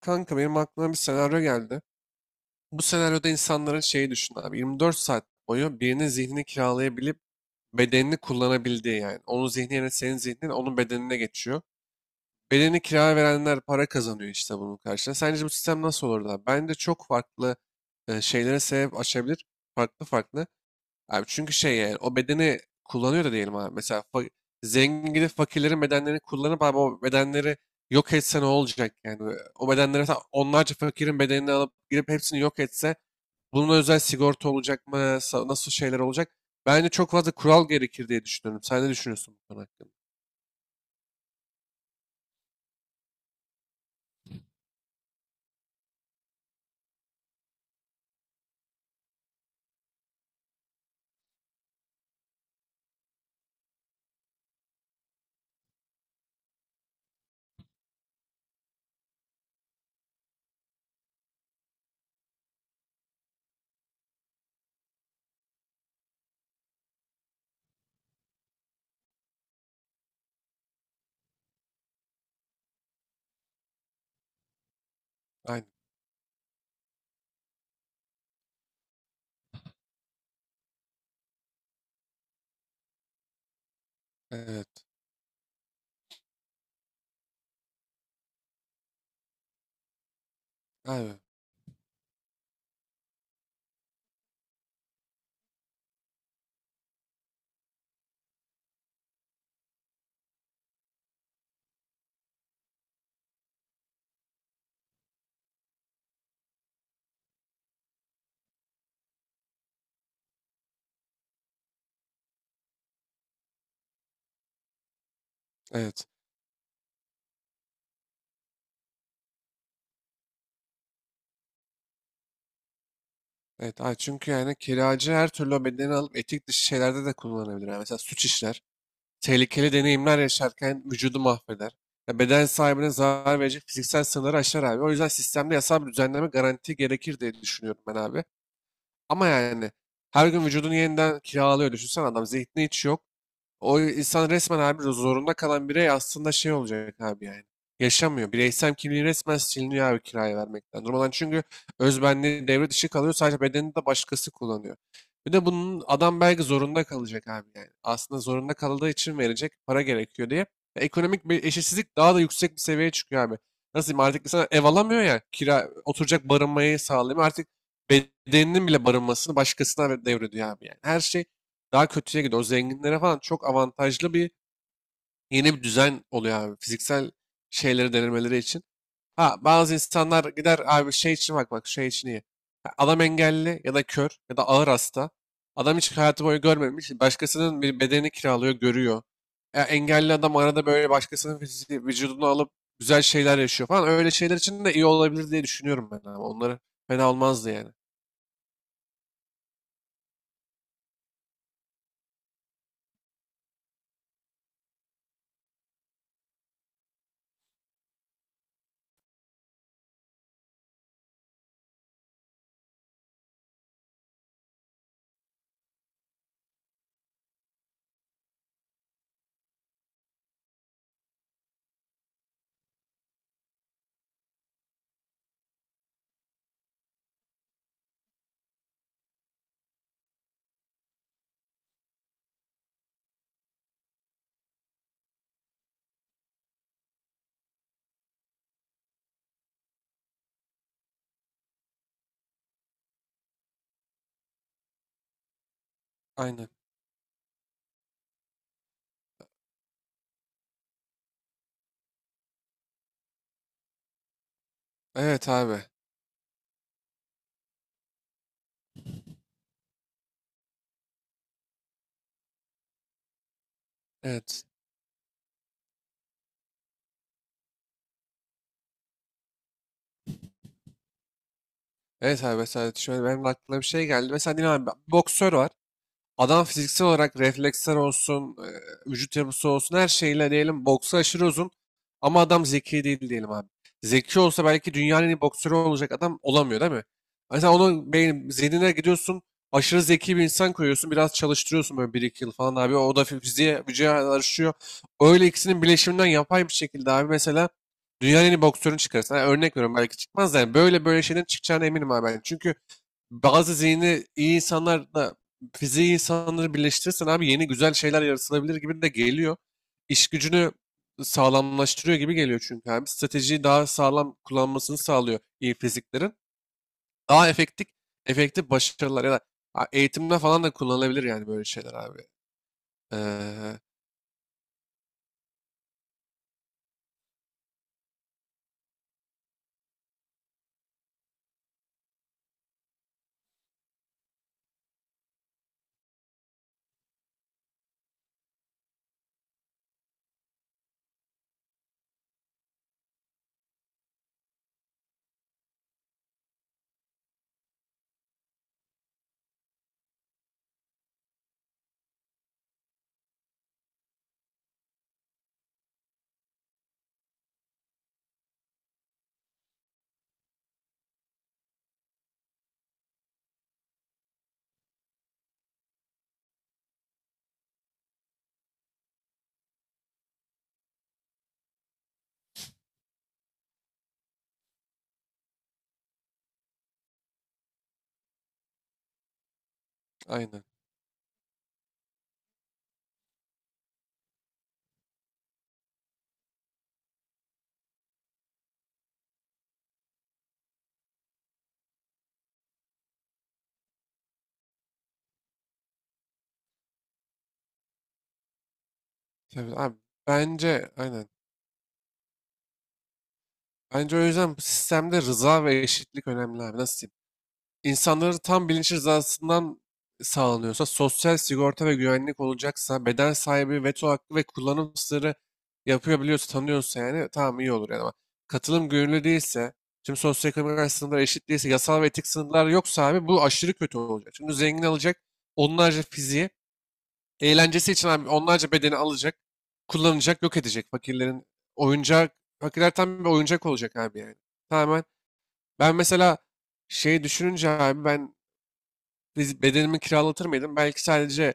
Kanka benim aklıma bir senaryo geldi. Bu senaryoda insanların şeyi düşün abi. 24 saat boyu birinin zihnini kiralayabilip bedenini kullanabildiği yani. Onun zihni yerine senin zihnin onun bedenine geçiyor. Bedeni kiraya verenler para kazanıyor işte bunun karşılığında. Sence bu sistem nasıl olurdu abi? Bence çok farklı şeylere sebep açabilir. Farklı farklı. Abi çünkü şey yani o bedeni kullanıyor da diyelim abi. Mesela zengin gidip fakirlerin bedenlerini kullanıp abi o bedenleri yok etse ne olacak yani? O bedenleri mesela onlarca fakirin bedenini alıp girip hepsini yok etse bunun özel sigorta olacak mı? Nasıl şeyler olacak? Bence çok fazla kural gerekir diye düşünüyorum. Sen ne düşünüyorsun bu konu hakkında? Aynen. Evet. Abi. Evet. Evet. Abi çünkü yani kiracı her türlü o bedeni alıp etik dışı şeylerde de kullanabilir. Yani mesela suç işler, tehlikeli deneyimler yaşarken vücudu mahveder. Ya beden sahibine zarar verecek fiziksel sınırları aşar abi. O yüzden sistemde yasal bir düzenleme garanti gerekir diye düşünüyorum ben abi. Ama yani her gün vücudunu yeniden kiralıyor. Düşünsene adam zihni hiç yok. O insan resmen abi zorunda kalan birey aslında şey olacak abi yani. Yaşamıyor. Bireysel kimliği resmen siliniyor abi kiraya vermekten. Durmadan çünkü özbenliği devre dışı kalıyor. Sadece bedenini de başkası kullanıyor. Bir de bunun adam belki zorunda kalacak abi yani. Aslında zorunda kaldığı için verecek para gerekiyor diye. Ekonomik bir eşitsizlik daha da yüksek bir seviyeye çıkıyor abi. Nasıl diyeyim artık insan ev alamıyor ya kira oturacak barınmayı sağlayamıyor. Artık bedeninin bile barınmasını başkasına devrediyor abi yani. Her şey daha kötüye gidiyor. O zenginlere falan çok avantajlı bir yeni bir düzen oluyor abi. Fiziksel şeyleri denemeleri için. Ha bazı insanlar gider abi şey için bak bak şey için iyi. Ha, adam engelli ya da kör ya da ağır hasta. Adam hiç hayatı boyu görmemiş. Başkasının bir bedenini kiralıyor, görüyor. Engelli adam arada böyle başkasının fiziği, vücudunu alıp güzel şeyler yaşıyor falan. Öyle şeyler için de iyi olabilir diye düşünüyorum ben ama onları fena olmazdı yani. Aynen. Evet abi. Evet. Evet abi mesela şöyle benim de aklıma bir şey geldi. Mesela diyelim abi, bir boksör var. Adam fiziksel olarak refleksler olsun, vücut yapısı olsun her şeyle diyelim boksu aşırı uzun ama adam zeki değil diyelim abi. Zeki olsa belki dünyanın en iyi boksörü olacak adam olamıyor değil mi? Mesela onun beyin, zihnine gidiyorsun aşırı zeki bir insan koyuyorsun biraz çalıştırıyorsun böyle 1-2 yıl falan abi o da fiziğe vücuda alışıyor. Öyle ikisinin bileşiminden yapay bir şekilde abi mesela dünyanın en iyi boksörünü çıkarırsın. Yani örnek veriyorum belki çıkmaz da yani böyle böyle şeylerin çıkacağına eminim abi ben. Çünkü bazı zihni iyi insanlarla fiziği iyi insanları birleştirirsen abi yeni güzel şeyler yaratılabilir gibi de geliyor. İş gücünü sağlamlaştırıyor gibi geliyor çünkü abi. Stratejiyi daha sağlam kullanmasını sağlıyor iyi fiziklerin. Daha efektif, efektif başarılar ya da ha, eğitimde falan da kullanılabilir yani böyle şeyler abi. Ee, aynen. Tabii abi bence aynen. Bence o yüzden bu sistemde rıza ve eşitlik önemli abi. Nasıl diyeyim? İnsanların tam bilinç rızasından sağlanıyorsa, sosyal sigorta ve güvenlik olacaksa, beden sahibi veto hakkı ve kullanım sırrı yapabiliyorsa, tanıyorsa yani tamam iyi olur yani ama katılım gönüllü değilse, tüm sosyoekonomik sınırlar eşit değilse, yasal ve etik sınırlar yoksa abi bu aşırı kötü olacak. Çünkü zengin alacak onlarca fiziği, eğlencesi için abi onlarca bedeni alacak, kullanacak, yok edecek fakirlerin oyuncak, fakirler tam bir oyuncak olacak abi yani. Tamamen ben mesela şey düşününce abi ben biz bedenimi kiralatır mıydım? Belki sadece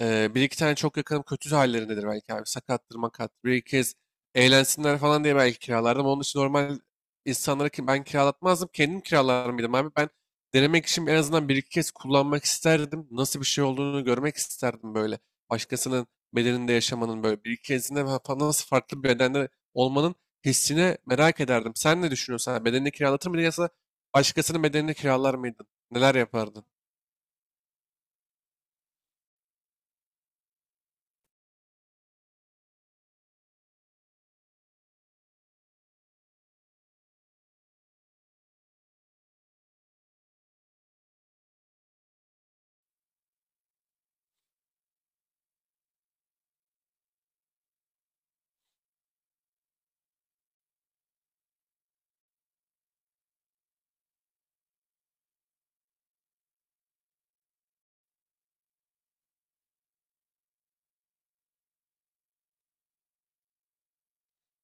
bir iki tane çok yakınım kötü hallerindedir belki abi. Sakattır makat. Bir iki kez eğlensinler falan diye belki kiralardım. Onun için normal insanlara ki ben kiralatmazdım. Kendim kiralar mıydım abi? Ben denemek için en azından bir iki kez kullanmak isterdim. Nasıl bir şey olduğunu görmek isterdim böyle. Başkasının bedeninde yaşamanın böyle bir iki kezinde nasıl farklı bir bedende olmanın hissini merak ederdim. Sen ne düşünüyorsun? Ha, bedenini kiralatır mıydın yoksa başkasının bedenini kiralar mıydın? Neler yapardın?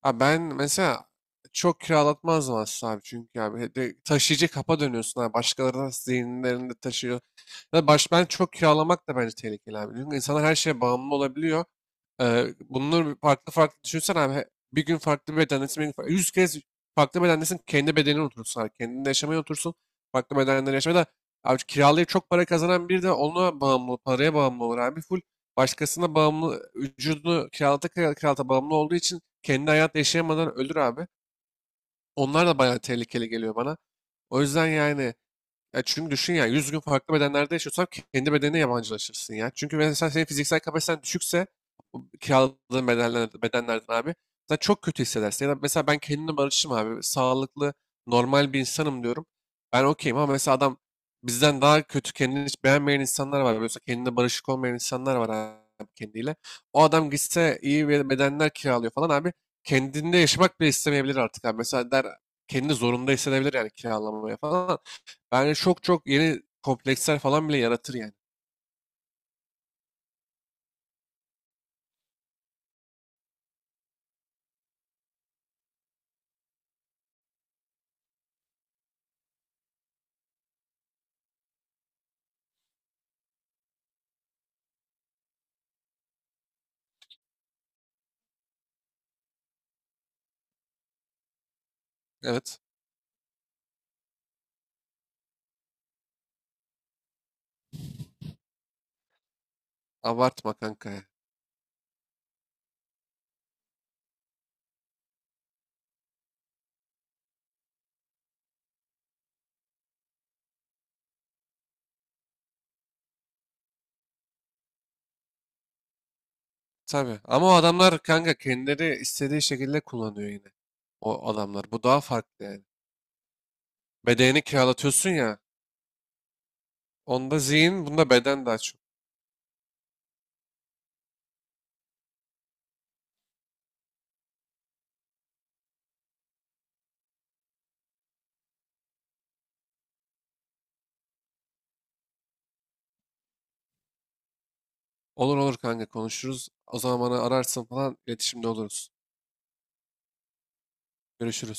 Abi ben mesela çok kiralatmazdım aslında abi çünkü abi de taşıyıcı kapa dönüyorsun abi başkalarının zihinlerinde taşıyor. Ya baş ben çok kiralamak da bence tehlikeli abi. Çünkü insanlar her şeye bağımlı olabiliyor. Bunları farklı farklı düşünsen abi bir gün farklı bir bedendesin, bir gün farklı, 100 kez farklı bedendesin kendi bedenine oturursun abi. Kendinde yaşamaya otursun. Farklı bedenlerde yaşamaya da abi kiralayıp çok para kazanan biri de ona bağımlı, paraya bağımlı olur abi. Full başkasına bağımlı, vücudunu kiralata kiralata bağımlı olduğu için kendi hayat yaşayamadan ölür abi. Onlar da bayağı tehlikeli geliyor bana. O yüzden yani ya çünkü düşün ya 100 gün farklı bedenlerde yaşıyorsan kendi bedenine yabancılaşırsın ya. Çünkü mesela senin fiziksel kapasiten düşükse bu kiraladığın bedenler, bedenlerden abi sen çok kötü hissedersin. Ya da mesela ben kendimle barışım abi. Sağlıklı, normal bir insanım diyorum. Ben okeyim ama mesela adam bizden daha kötü kendini hiç beğenmeyen insanlar var. Mesela kendine barışık olmayan insanlar var abi kendiyle. O adam gitse iyi bir bedenler kiralıyor falan abi. Kendinde yaşamak bile istemeyebilir artık abi. Mesela der kendini zorunda hissedebilir yani kiralamaya falan. Bence çok çok yeni kompleksler falan bile yaratır yani. Evet. Abartma kanka ya. Tabii. Ama o adamlar kanka kendileri istediği şekilde kullanıyor yine. O adamlar. Bu daha farklı yani. Bedenini kiralatıyorsun ya. Onda zihin, bunda beden daha çok. Olur olur kanka konuşuruz. O zaman bana ararsın falan iletişimde oluruz. Görüşürüz.